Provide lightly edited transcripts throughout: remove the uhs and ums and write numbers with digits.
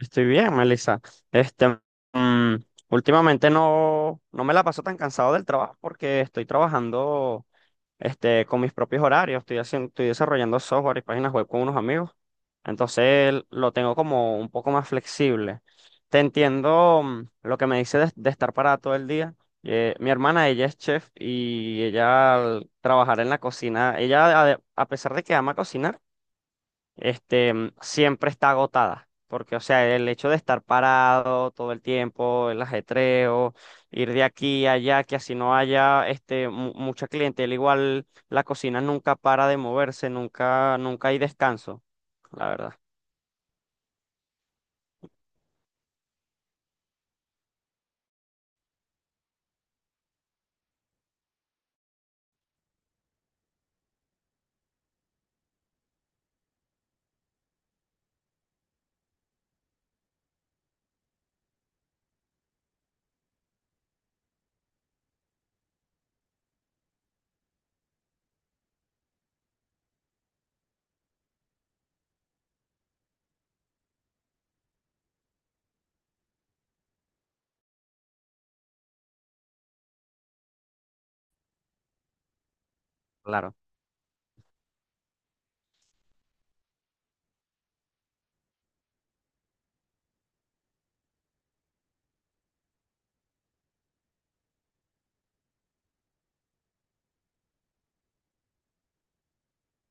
Estoy bien, Melissa. Este, mm, últimamente no me la paso tan cansado del trabajo porque estoy trabajando con mis propios horarios. Estoy desarrollando software y páginas web con unos amigos. Entonces lo tengo como un poco más flexible. Te entiendo lo que me dice de estar parada todo el día. Mi hermana, ella es chef y ella al trabajar en la cocina, ella a pesar de que ama cocinar, siempre está agotada. Porque, o sea, el hecho de estar parado todo el tiempo, el ajetreo, ir de aquí a allá, que así no haya mucha clientela, igual la cocina nunca para de moverse, nunca hay descanso, la verdad, claro.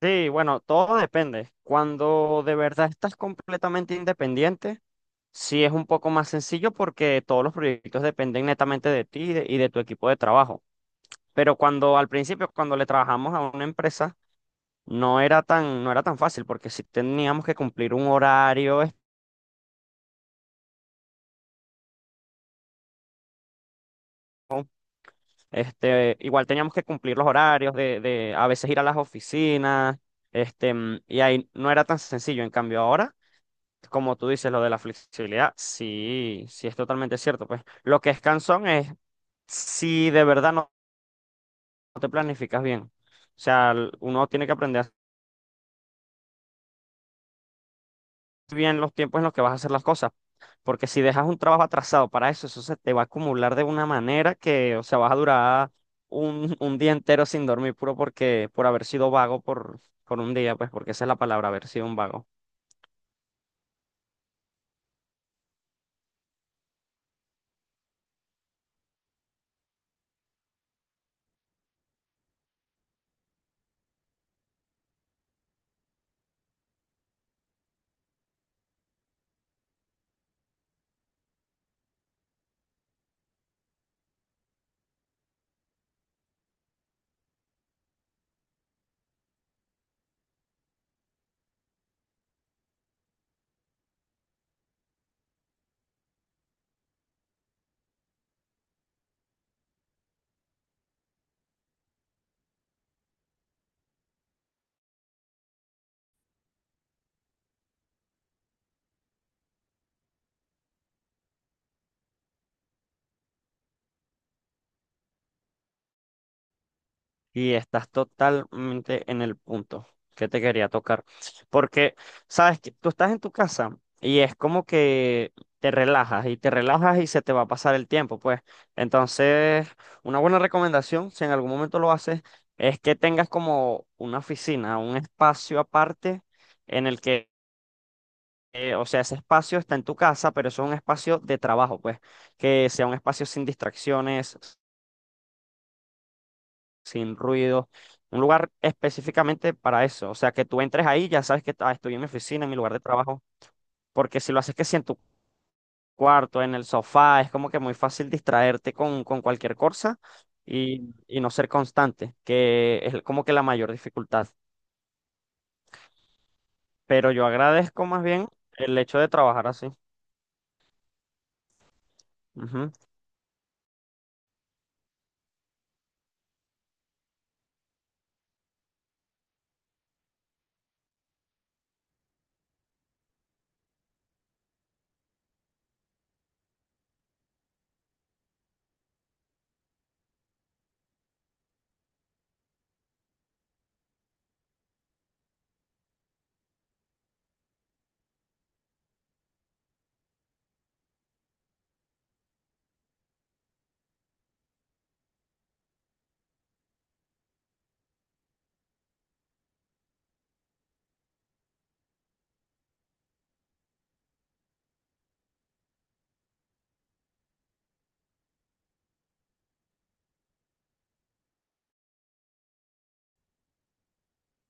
Sí, bueno, todo depende. Cuando de verdad estás completamente independiente, sí es un poco más sencillo porque todos los proyectos dependen netamente de ti y de tu equipo de trabajo. Pero cuando al principio, cuando le trabajamos a una empresa, no era tan fácil porque si teníamos que cumplir un horario, igual teníamos que cumplir los horarios de a veces ir a las oficinas, y ahí no era tan sencillo. En cambio ahora, como tú dices, lo de la flexibilidad, sí es totalmente cierto. Pues lo que es cansón es si de verdad no te planificas bien. O sea, uno tiene que aprender bien los tiempos en los que vas a hacer las cosas. Porque si dejas un trabajo atrasado para eso, eso se te va a acumular de una manera que, o sea, vas a durar un día entero sin dormir, puro por haber sido vago por un día, pues porque esa es la palabra, haber sido un vago. Y estás totalmente en el punto que te quería tocar. Porque, sabes, que tú estás en tu casa y es como que te relajas y se te va a pasar el tiempo, pues. Entonces, una buena recomendación, si en algún momento lo haces, es que tengas como una oficina, un espacio aparte en el que, o sea, ese espacio está en tu casa, pero eso es un espacio de trabajo, pues. Que sea un espacio sin distracciones, sin ruido, un lugar específicamente para eso. O sea, que tú entres ahí, ya sabes que "Ah, estoy en mi oficina, en mi lugar de trabajo", porque si lo haces que si en tu cuarto, en el sofá, es como que muy fácil distraerte con cualquier cosa y no ser constante, que es como que la mayor dificultad. Pero yo agradezco más bien el hecho de trabajar así. Ujú,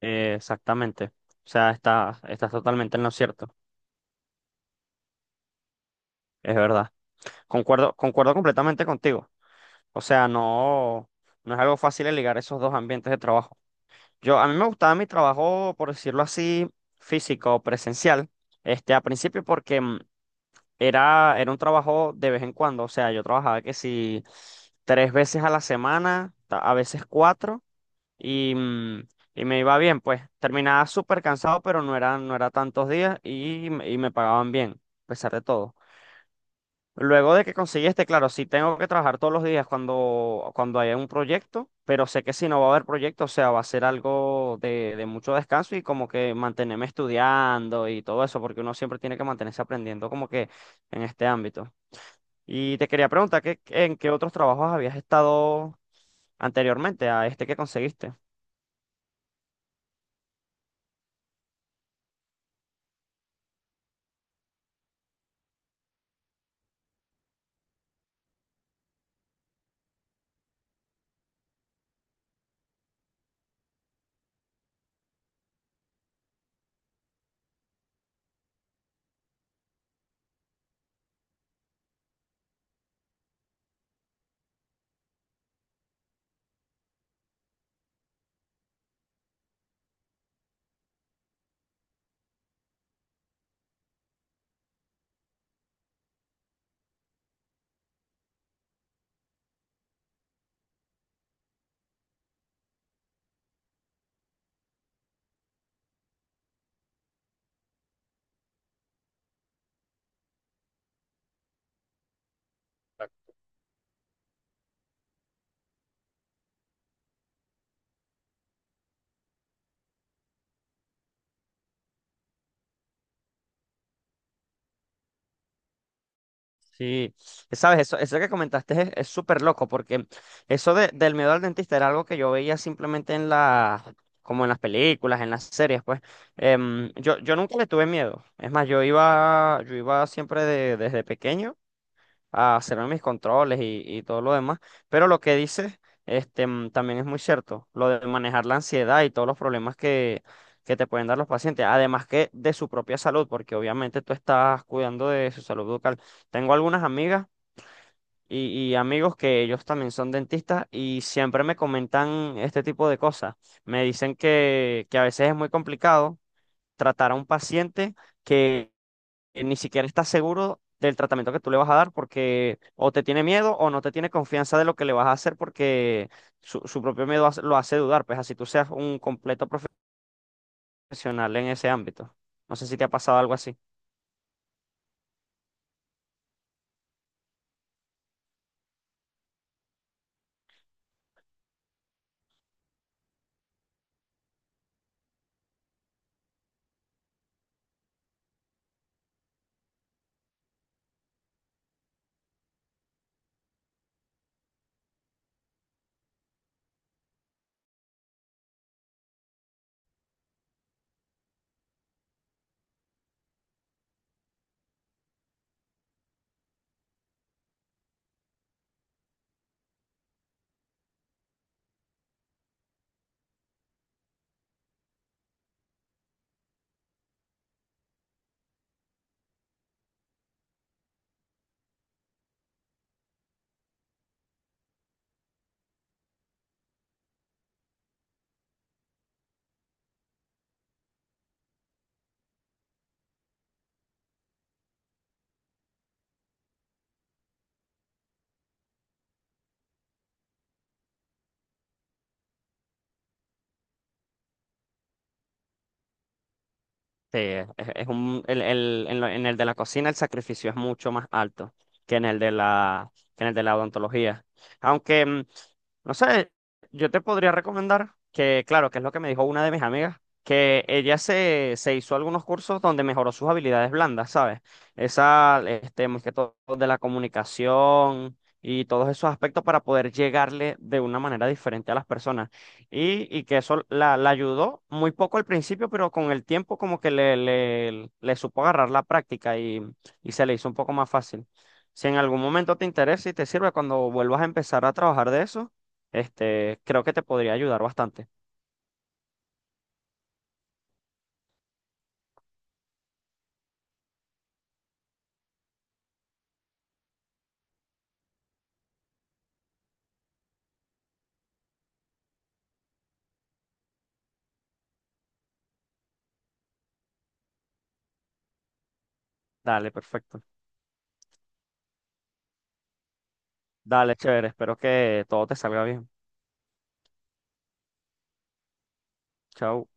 exactamente. O sea, estás totalmente en lo cierto. Es verdad. Concuerdo completamente contigo. O sea, no es algo fácil el ligar esos dos ambientes de trabajo. Yo, a mí me gustaba mi trabajo, por decirlo así, físico, presencial, a principio porque era un trabajo de vez en cuando. O sea, yo trabajaba que si tres veces a la semana, a veces cuatro, y, y me iba bien, pues. Terminaba súper cansado, pero no era tantos días y me pagaban bien, a pesar de todo. Luego de que conseguí este, claro, sí tengo que trabajar todos los días cuando haya un proyecto, pero sé que si no va a haber proyecto, o sea, va a ser algo de mucho descanso y como que mantenerme estudiando y todo eso, porque uno siempre tiene que mantenerse aprendiendo como que en este ámbito. Y te quería preguntar, ¿en qué otros trabajos habías estado anteriormente a este que conseguiste? Sí, sabes, eso que comentaste es súper loco, porque eso del miedo al dentista era algo que yo veía simplemente en las, como en las películas, en las series, pues. Yo nunca le tuve miedo. Es más, yo iba siempre desde pequeño a hacerme mis controles y todo lo demás. Pero lo que dices, también es muy cierto, lo de manejar la ansiedad y todos los problemas que te pueden dar los pacientes, además que de su propia salud, porque obviamente tú estás cuidando de su salud bucal. Tengo algunas amigas y amigos que ellos también son dentistas y siempre me comentan este tipo de cosas. Me dicen que a veces es muy complicado tratar a un paciente que ni siquiera está seguro del tratamiento que tú le vas a dar porque o te tiene miedo o no te tiene confianza de lo que le vas a hacer porque su propio miedo lo hace dudar, pues así tú seas un completo profesional en ese ámbito. No sé si te ha pasado algo así. Sí, en el de la cocina el sacrificio es mucho más alto que en el de que en el de la odontología. Aunque, no sé, yo te podría recomendar que, claro, que es lo que me dijo una de mis amigas, que ella se hizo algunos cursos donde mejoró sus habilidades blandas, ¿sabes? Esa, este, más que todo de la comunicación y todos esos aspectos para poder llegarle de una manera diferente a las personas. Y que eso la ayudó muy poco al principio, pero con el tiempo como que le supo agarrar la práctica y se le hizo un poco más fácil. Si en algún momento te interesa y te sirve cuando vuelvas a empezar a trabajar de eso, este, creo que te podría ayudar bastante. Dale, perfecto. Dale, chévere. Espero que todo te salga bien. Chao.